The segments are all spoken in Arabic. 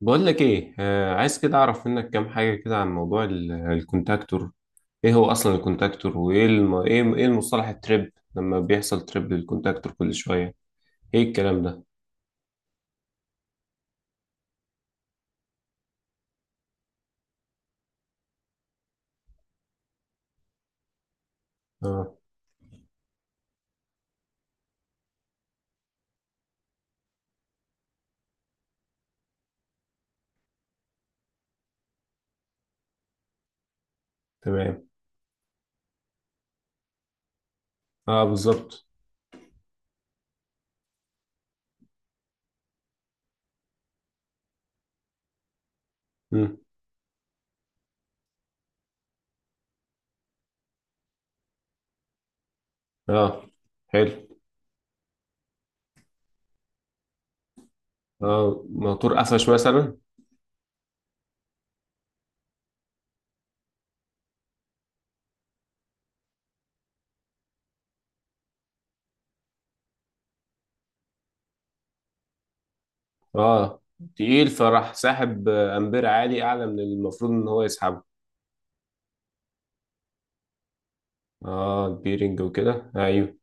بقول لك ايه، عايز كده اعرف منك كام حاجه كده عن موضوع الكونتاكتور. ايه هو اصلا الكونتاكتور، وايه الم... ايه ايه المصطلح التريب لما بيحصل تريب للكونتاكتور كل شويه؟ ايه الكلام ده؟ اه، تمام. اه، بالظبط. مم. اه، حلو. اه، موتور قفش مثلا. اه، تقيل فراح ساحب امبير عالي اعلى من المفروض ان هو يسحبه. اه، البيرنج وكده، ايوه.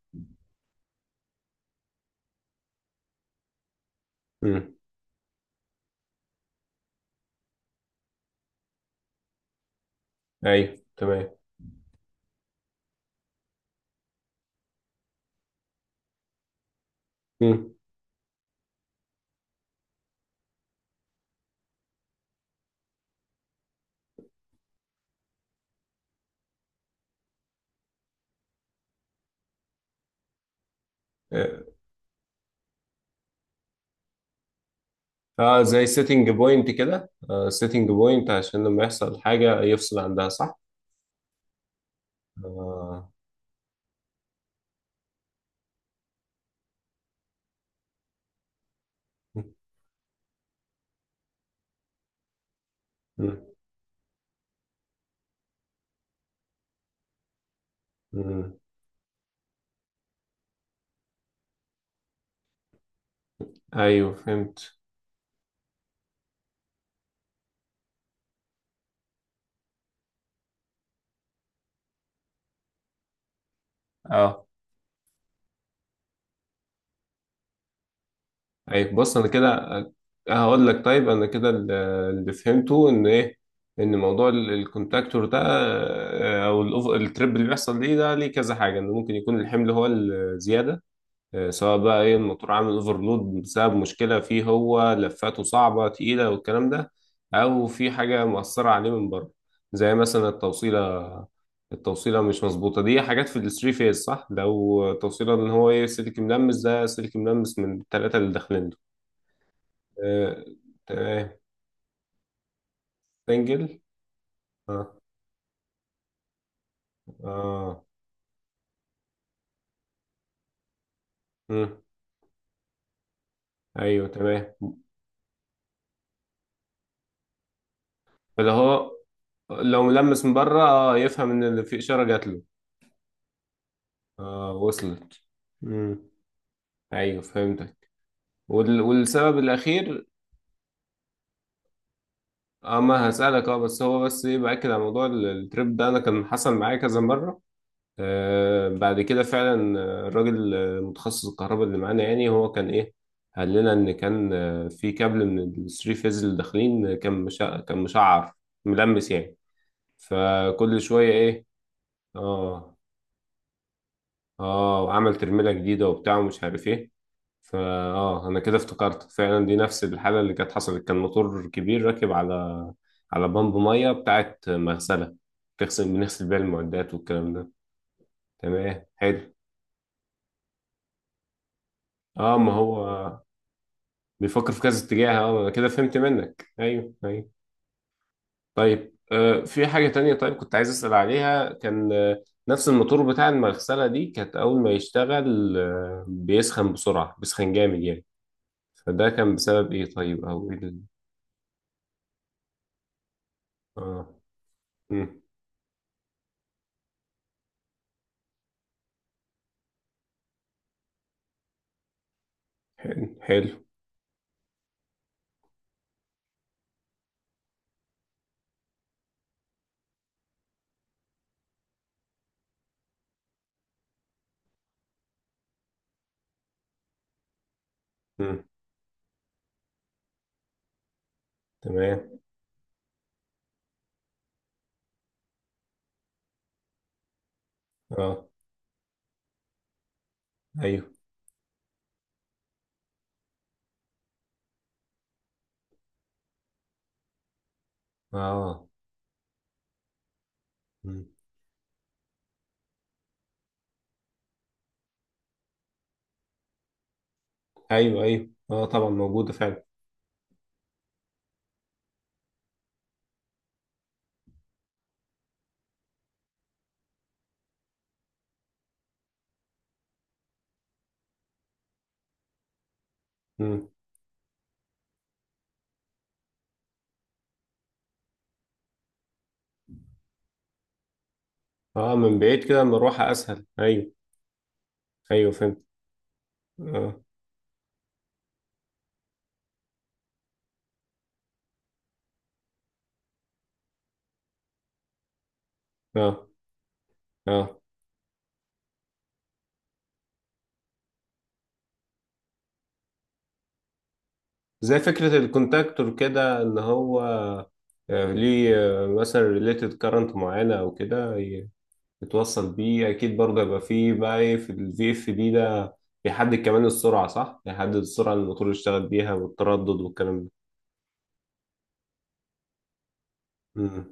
مم. ايوه، تمام. مم. آه. اه، زي سيتنج بوينت كده، سيتنج بوينت عشان لما يحصل حاجة يفصل عندها، صح؟ آه. مم. مم. ايوه، فهمت. اه. ايوه، بص، انا كده آه، هقول لك. طيب، اللي فهمته ان ايه، ان موضوع الكونتاكتور ده، او التريب اللي بيحصل ليه ده، ليه كذا حاجة، انه ممكن يكون الحمل هو الزيادة، سواء بقى ايه الموتور عامل اوفرلود بسبب مشكلة فيه، هو لفاته صعبة تقيلة والكلام ده، او في حاجة مؤثرة عليه من بره، زي مثلا التوصيلة. التوصيلة مش مظبوطة، دي حاجات في الثري فيز، صح لو توصيلة ان هو ايه، سلك ملمس، ده سلك ملمس من التلاتة اللي داخلين دول. آه، تمام. سنجل. اه، اه. مم. ايوه، تمام. فاللي هو لو ملمس من بره، يفهم ان اللي في، اشارة جات له. اه، وصلت. مم. ايوه، فهمتك. والسبب الاخير؟ اه، ما هسألك. اه بس هو بس باكد على موضوع التريب ده، انا كان حصل معايا كذا مرة. بعد كده فعلا، الراجل متخصص الكهرباء اللي معانا، يعني هو كان ايه، قال لنا ان كان في كابل من الثري فيز اللي داخلين، كان مشعر. ملمس يعني. فكل شوية ايه. اه. اه، وعمل ترميلة جديدة وبتاع ومش عارف ايه. فا اه، انا كده افتكرت فعلا. دي نفس الحاله اللي كانت حصلت. كان موتور كبير راكب على بمب ميه بتاعت مغسله، بنغسل بيها المعدات والكلام ده. تمام، حلو. اه، ما هو بيفكر في كذا اتجاه. اه انا كده فهمت منك، ايوه، ايوه. طيب، في حاجه تانية. طيب كنت عايز اسال عليها، كان نفس الموتور بتاع المغسله دي كانت اول ما يشتغل بيسخن بسرعه، بيسخن جامد يعني. فده كان بسبب ايه طيب؟ او ايه؟ اه. مم. حلو. مم. تمام. اه، ايوه. اه. مم. ايوه، ايوه، اه، طبعا موجوده فعلا. مم. اه، من بعيد كده المروحه اسهل، ايوه. ايوه، فهمت. اه. اه، اه، زي فكره الكونتاكتور كده، ان هو ليه مثلا ريليتد كارنت معينه او كده، يتوصل بيه اكيد، برضه يبقى فيه بقى إيه، في الفي اف دي ده بيحدد كمان السرعه، صح؟ بيحدد السرعه اللي الموتور يشتغل بيها، والتردد والكلام ده. مم.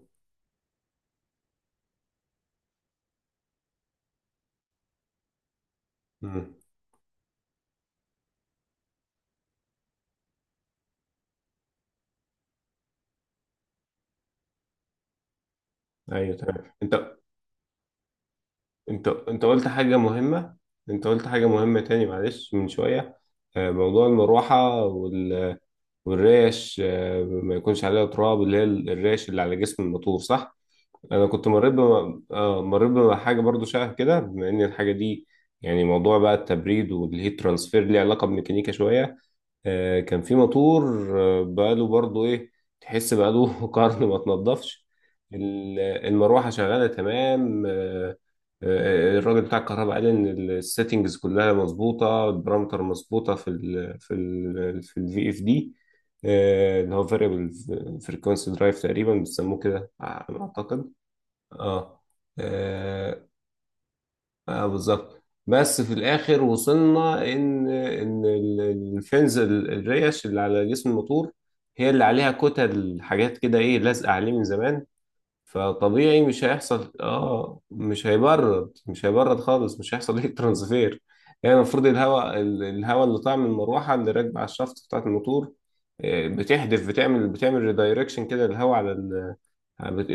مم. ايوه، تمام. انت قلت حاجة مهمة. انت قلت حاجة مهمة تاني، معلش، من شوية، موضوع المروحة والريش، ما يكونش عليها تراب، اللي هي الريش اللي على جسم الموتور، صح؟ انا كنت مريت بم... آه، مريت بحاجة برضو شبه كده، بما ان الحاجة دي يعني موضوع بقى التبريد والهيت ترانسفير ليه علاقة بميكانيكا شوية. كان في موتور، بقاله برضو ايه، تحس بقاله قرن ما اتنضفش. المروحه شغاله تمام. الراجل بتاع الكهرباء قال ان السيتنجز كلها مظبوطه، البارامتر مظبوطه في الفي اف دي، اللي هو فاريبل فريكونسي درايف تقريبا بيسموه كده اعتقد. اه. آه، اه، بالظبط. بس في الاخر وصلنا ان الريش اللي على جسم الموتور، هي اللي عليها كتل حاجات كده، ايه، لازقه عليه من زمان. فطبيعي مش هيحصل، مش هيبرد، مش هيبرد خالص، مش هيحصل ايه ترانسفير. يعني المفروض الهواء، الهواء اللي طالع من المروحه اللي راكبه على الشافت بتاعت الموتور، بتحدف، بتعمل ريدايركشن كده الهواء على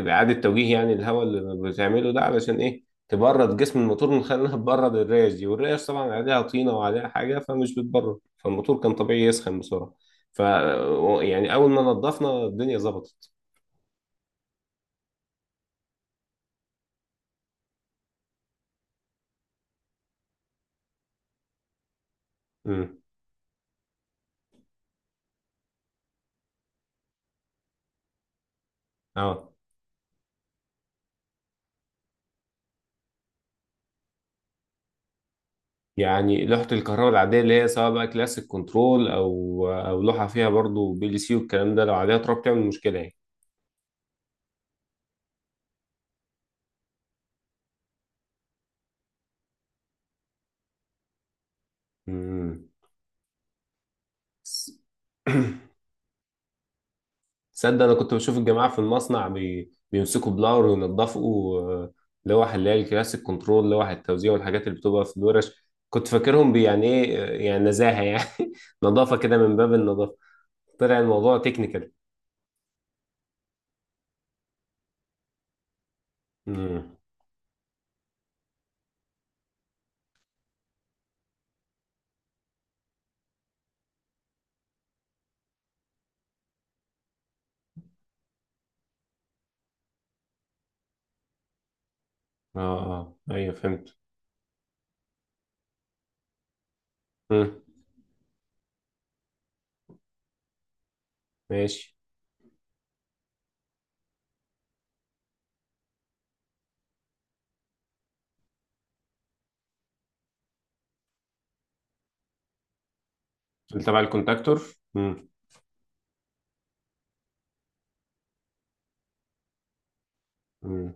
إعادة توجيه، يعني الهواء اللي بتعمله ده علشان إيه، تبرد جسم الموتور من خلال إنها تبرد الريش دي، والريش طبعا عليها طينة وعليها حاجة، فمش بتبرد، فالموتور كان طبيعي يسخن بسرعة. ف يعني أول ما نضفنا الدنيا ظبطت. امم. أه. يعني لوحة الكهرباء العادية، اللي هي سواء بقى كلاسيك كنترول أو لوحة فيها برضو بي ال سي والكلام ده، لو عليها تراب تعمل مشكلة يعني. امم. تصدق انا كنت بشوف الجماعه في المصنع، بيمسكوا بلاور وينضفوا، لوح اللي هي الكلاسيك كنترول، لوح التوزيع والحاجات اللي بتبقى في الورش، كنت فاكرهم يعني ايه، يعني نزاهه يعني نظافه كده، من باب النظافه. طلع الموضوع تكنيكال. امم. اه، اه، ايوه، فهمت. امم. ماشي. اللي تبع الكونتاكتور. امم، امم،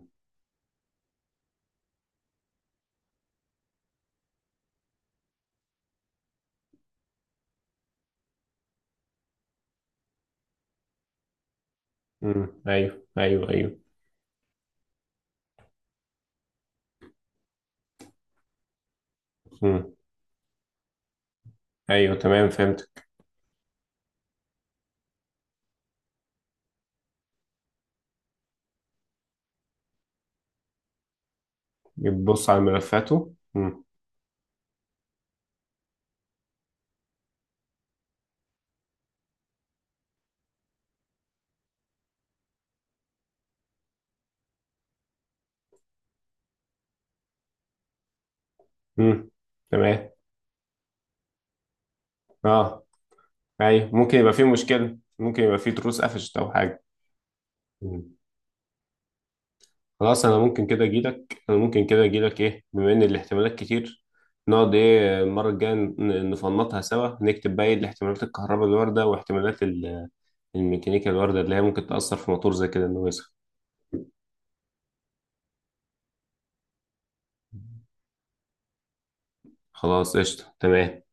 امم. ايوه، ايوه، ايوه. امم. ايوه، تمام، فهمت. بتبص على ملفاته. امم. امم. تمام. اه، ايوه، ممكن يبقى فيه مشكلة، ممكن يبقى فيه تروس قفشت او حاجة. مم. خلاص، انا ممكن كده اجيلك ايه، بما ان الاحتمالات كتير، نقعد ايه المرة الجاية، نفنطها سوا، نكتب بقى ايه الاحتمالات الكهرباء الواردة، واحتمالات الميكانيكا الواردة اللي هي ممكن تأثر في موتور زي كده، انه يسخن. خلاص، قشطة، تمام.